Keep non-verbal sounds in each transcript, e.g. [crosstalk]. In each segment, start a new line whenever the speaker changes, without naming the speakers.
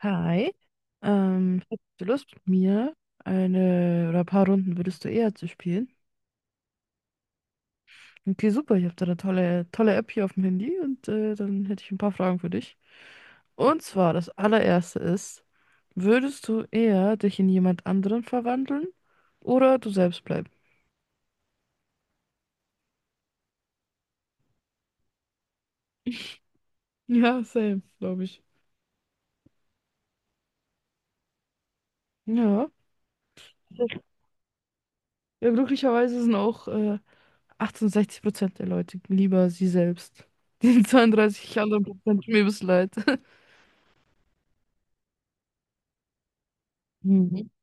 Hi, hättest du Lust mit mir eine oder ein paar Runden würdest du eher zu spielen? Okay, super, ich habe da eine tolle, tolle App hier auf dem Handy und dann hätte ich ein paar Fragen für dich. Und zwar, das allererste ist, würdest du eher dich in jemand anderen verwandeln oder du selbst bleiben? Ja, same, glaube ich. Ja, ja, glücklicherweise sind auch 68% der Leute lieber sie selbst. [laughs] Die 32 anderen Prozent tun mir bis leid. [laughs]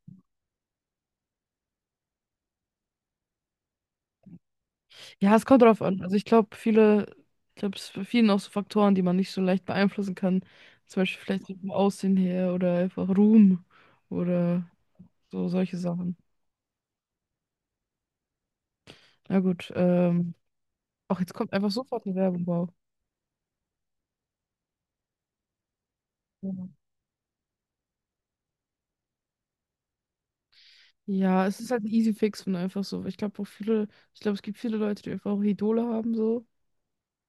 Ja, es kommt drauf an. Also ich glaube, ich glaube, es ist bei vielen auch so Faktoren, die man nicht so leicht beeinflussen kann. Zum Beispiel vielleicht so vom Aussehen her oder einfach Ruhm oder so solche Sachen. Na gut, auch jetzt kommt einfach sofort eine Werbung, wow. Ja, ja, es ist halt ein Easy Fix und einfach so. Ich glaube auch ich glaube, es gibt viele Leute, die einfach auch Idole haben so.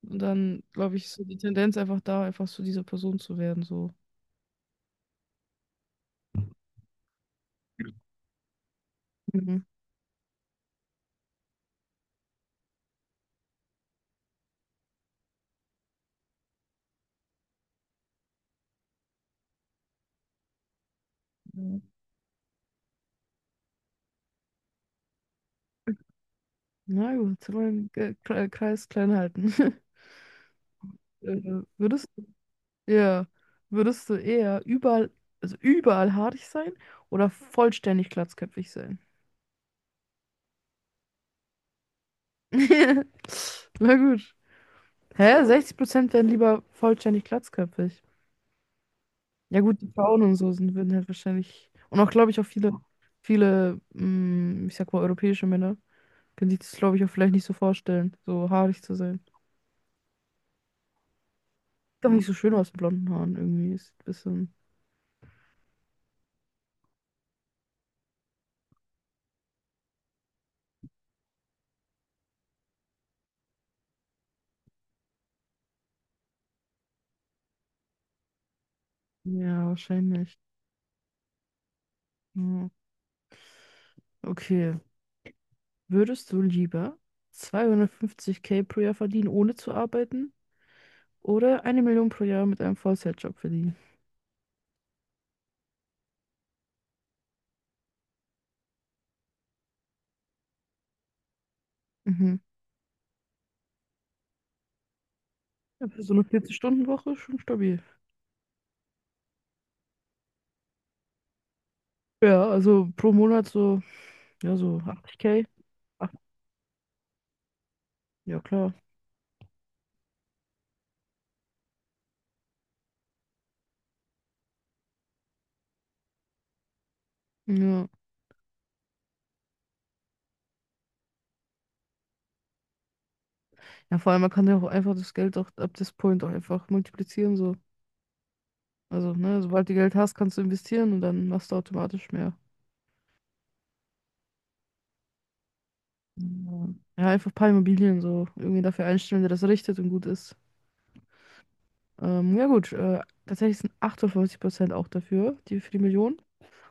Und dann, glaube ich, ist so die Tendenz einfach da, einfach zu dieser Person zu werden, so. Mhm. Ja. Na gut, wollen wir den Kreis klein halten. [laughs] Würdest Ja. Würdest du eher überall, also überall haarig sein oder vollständig glatzköpfig sein? [laughs] Na gut. Hä? 60% werden lieber vollständig glatzköpfig. Ja gut, die Frauen und so sind, würden halt wahrscheinlich. Und auch, glaube ich, auch viele, viele, ich sag mal, europäische Männer können sich das, glaube ich, auch vielleicht nicht so vorstellen, so haarig zu sein. Ist doch nicht so schön aus mit blonden Haaren irgendwie. Ist ein bisschen. Ja, wahrscheinlich. Ja. Okay. Würdest du lieber 250k pro Jahr verdienen, ohne zu arbeiten, oder eine Million pro Jahr mit einem Vollzeitjob verdienen? Mhm. Ja, für so eine 40-Stunden-Woche schon stabil. Ja, also pro Monat so, ja, so 80k. Ach, ja, klar. Ja. Ja, vor allem, man kann ja auch einfach das Geld auch ab this point auch einfach multiplizieren, so. Also, ne, sobald du Geld hast, kannst du investieren und dann machst du automatisch mehr. Ja, ja, einfach ein paar Immobilien so irgendwie dafür einstellen, der das richtet und gut ist. Ja gut, tatsächlich sind 58% auch dafür, die für die Million.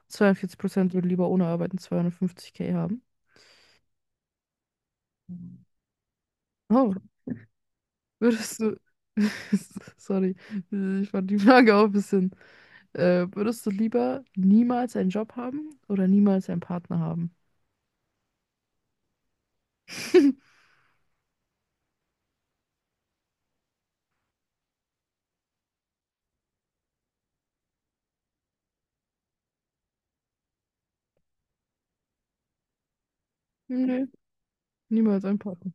Zweiundvierzig Prozent würden lieber ohne Arbeiten 250k haben. Oh, würdest du? [laughs] Sorry, ich fand die Frage auch ein bisschen. Würdest du lieber niemals einen Job haben oder niemals einen Partner haben? [laughs] Nee, niemals einen Partner.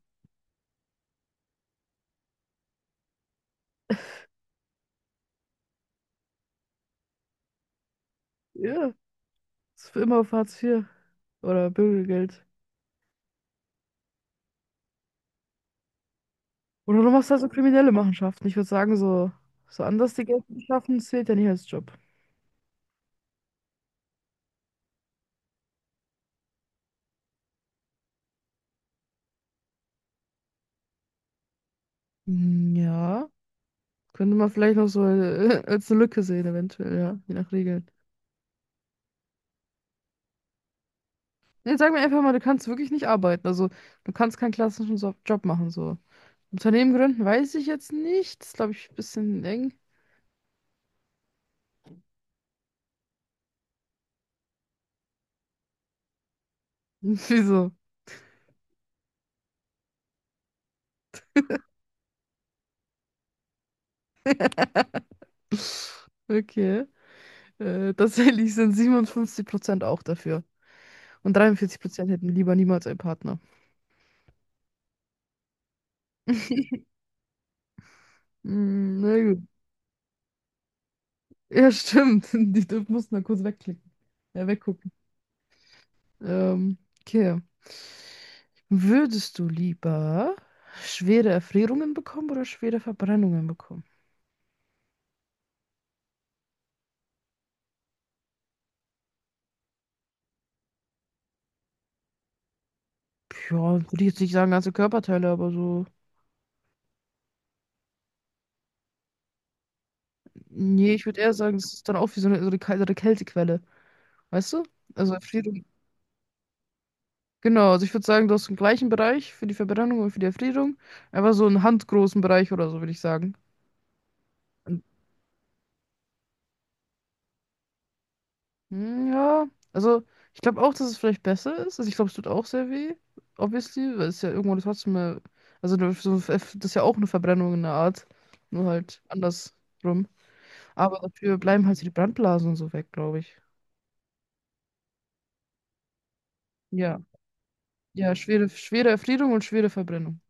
Ja, ist für immer auf Hartz IV oder Bürgergeld. Oder du machst halt so kriminelle Machenschaften. Ich würde sagen, so, so anders die Geld zu schaffen, zählt ja nicht als Job. Mm, ja. Könnte man vielleicht noch so als eine Lücke sehen, eventuell, ja, je nach Regeln. Nee, sag mir einfach mal, du kannst wirklich nicht arbeiten. Also, du kannst keinen klassischen so Job machen, so. Unternehmen gründen weiß ich jetzt nicht. Das ist, glaube ich, ein bisschen eng. [laughs] Wieso? Okay. Tatsächlich sind 57% auch dafür. Und 43% hätten lieber niemals einen Partner. [laughs] Hm, na gut. Ja, stimmt. [laughs] Die mussten da kurz wegklicken. Ja, weggucken. Okay. Würdest du lieber schwere Erfrierungen bekommen oder schwere Verbrennungen bekommen? Ja, würde ich jetzt nicht sagen, ganze Körperteile, aber so. Nee, ich würde eher sagen, das ist dann auch wie so eine Kältequelle. Weißt du? Also Erfrierung. Genau, also ich würde sagen, du hast den gleichen Bereich für die Verbrennung und für die Erfrierung. Aber so einen handgroßen Bereich oder so, würde ich sagen. Hm, ja, also ich glaube auch, dass es vielleicht besser ist. Also ich glaube, es tut auch sehr weh, obviously, weil es ja irgendwo trotzdem mal, also so, das ist ja auch eine Verbrennung in der Art, nur halt andersrum. Aber dafür bleiben halt so die Brandblasen und so weg, glaube ich. Ja, ja, schwere, schwere Erfrierung und schwere Verbrennung.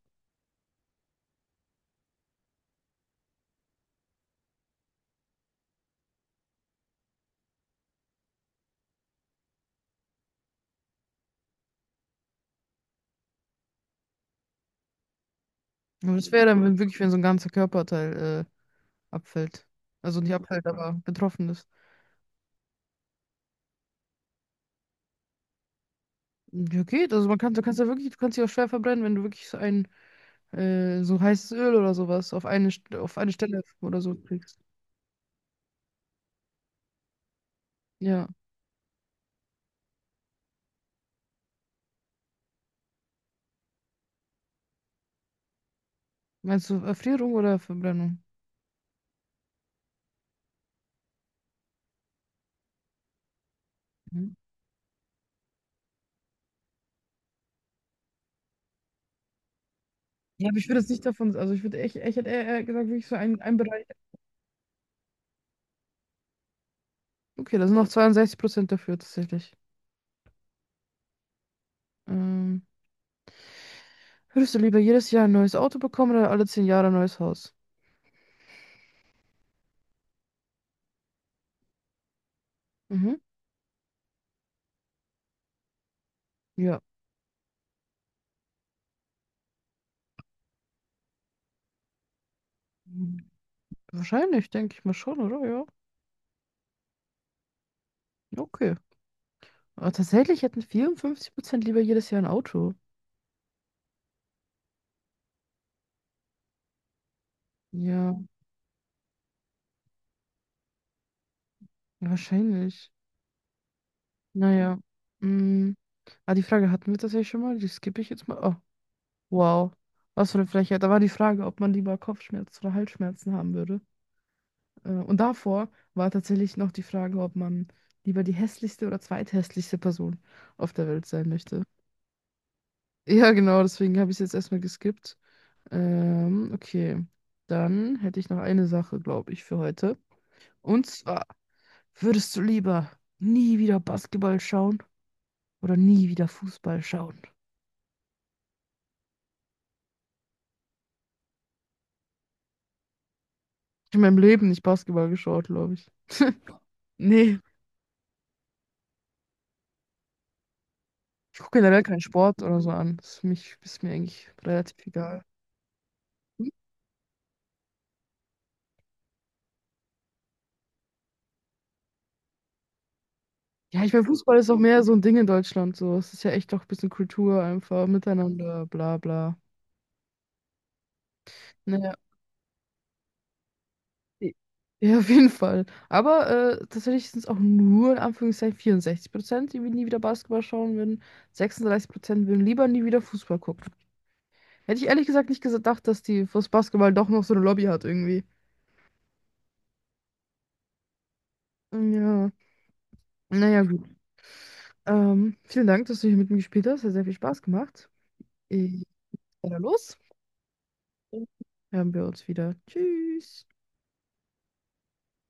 Aber das wäre dann wenn wirklich, wenn so ein ganzer Körperteil abfällt. Also nicht abfällt, aber betroffen ist. Ja, geht. Also man kann, du kannst dich auch schwer verbrennen, wenn du wirklich so einen so heißes Öl oder sowas auf auf eine Stelle oder so kriegst. Ja. Meinst du Erfrierung oder Verbrennung? Mhm. Ja, aber ich würde es nicht davon, also ich würde echt, ich hätte eher gesagt, wirklich so ein Bereich. Okay, da sind noch 62% dafür tatsächlich. Ähm, würdest du lieber jedes Jahr ein neues Auto bekommen oder alle 10 Jahre ein neues Haus? Mhm. Ja. Hm, Wahrscheinlich, denke ich mal schon, oder? Ja. Ja, okay. Aber tatsächlich hätten 54% lieber jedes Jahr ein Auto. Ja, wahrscheinlich. Naja. Mm. Ah, die Frage hatten wir tatsächlich schon mal. Die skippe ich jetzt mal. Oh, wow. Was für eine Frechheit. Da war die Frage, ob man lieber Kopfschmerzen oder Halsschmerzen haben würde. Und davor war tatsächlich noch die Frage, ob man lieber die hässlichste oder zweithässlichste Person auf der Welt sein möchte. Ja, genau, deswegen habe ich es jetzt erstmal geskippt. Okay. Dann hätte ich noch eine Sache, glaube ich, für heute. Und zwar, würdest du lieber nie wieder Basketball schauen oder nie wieder Fußball schauen? Ich habe in meinem Leben nicht Basketball geschaut, glaube ich. Nee, ich gucke generell keinen Sport oder so an. Das ist, ist mir eigentlich relativ egal. Ja, ich meine, Fußball ist auch mehr so ein Ding in Deutschland. So, es ist ja echt auch ein bisschen Kultur einfach, miteinander, bla bla. Naja. Ja, auf jeden Fall. Aber tatsächlich sind es auch nur in Anführungszeichen 64%, die nie wieder Basketball schauen würden. 36% würden lieber nie wieder Fußball gucken. Hätte ich ehrlich gesagt nicht gedacht, dass die fürs Basketball doch noch so eine Lobby hat irgendwie. Ja, naja, gut. Vielen Dank, dass du hier mit mir gespielt hast. Hat sehr viel Spaß gemacht. Ich gehe los. Dann hören wir uns wieder. Tschüss.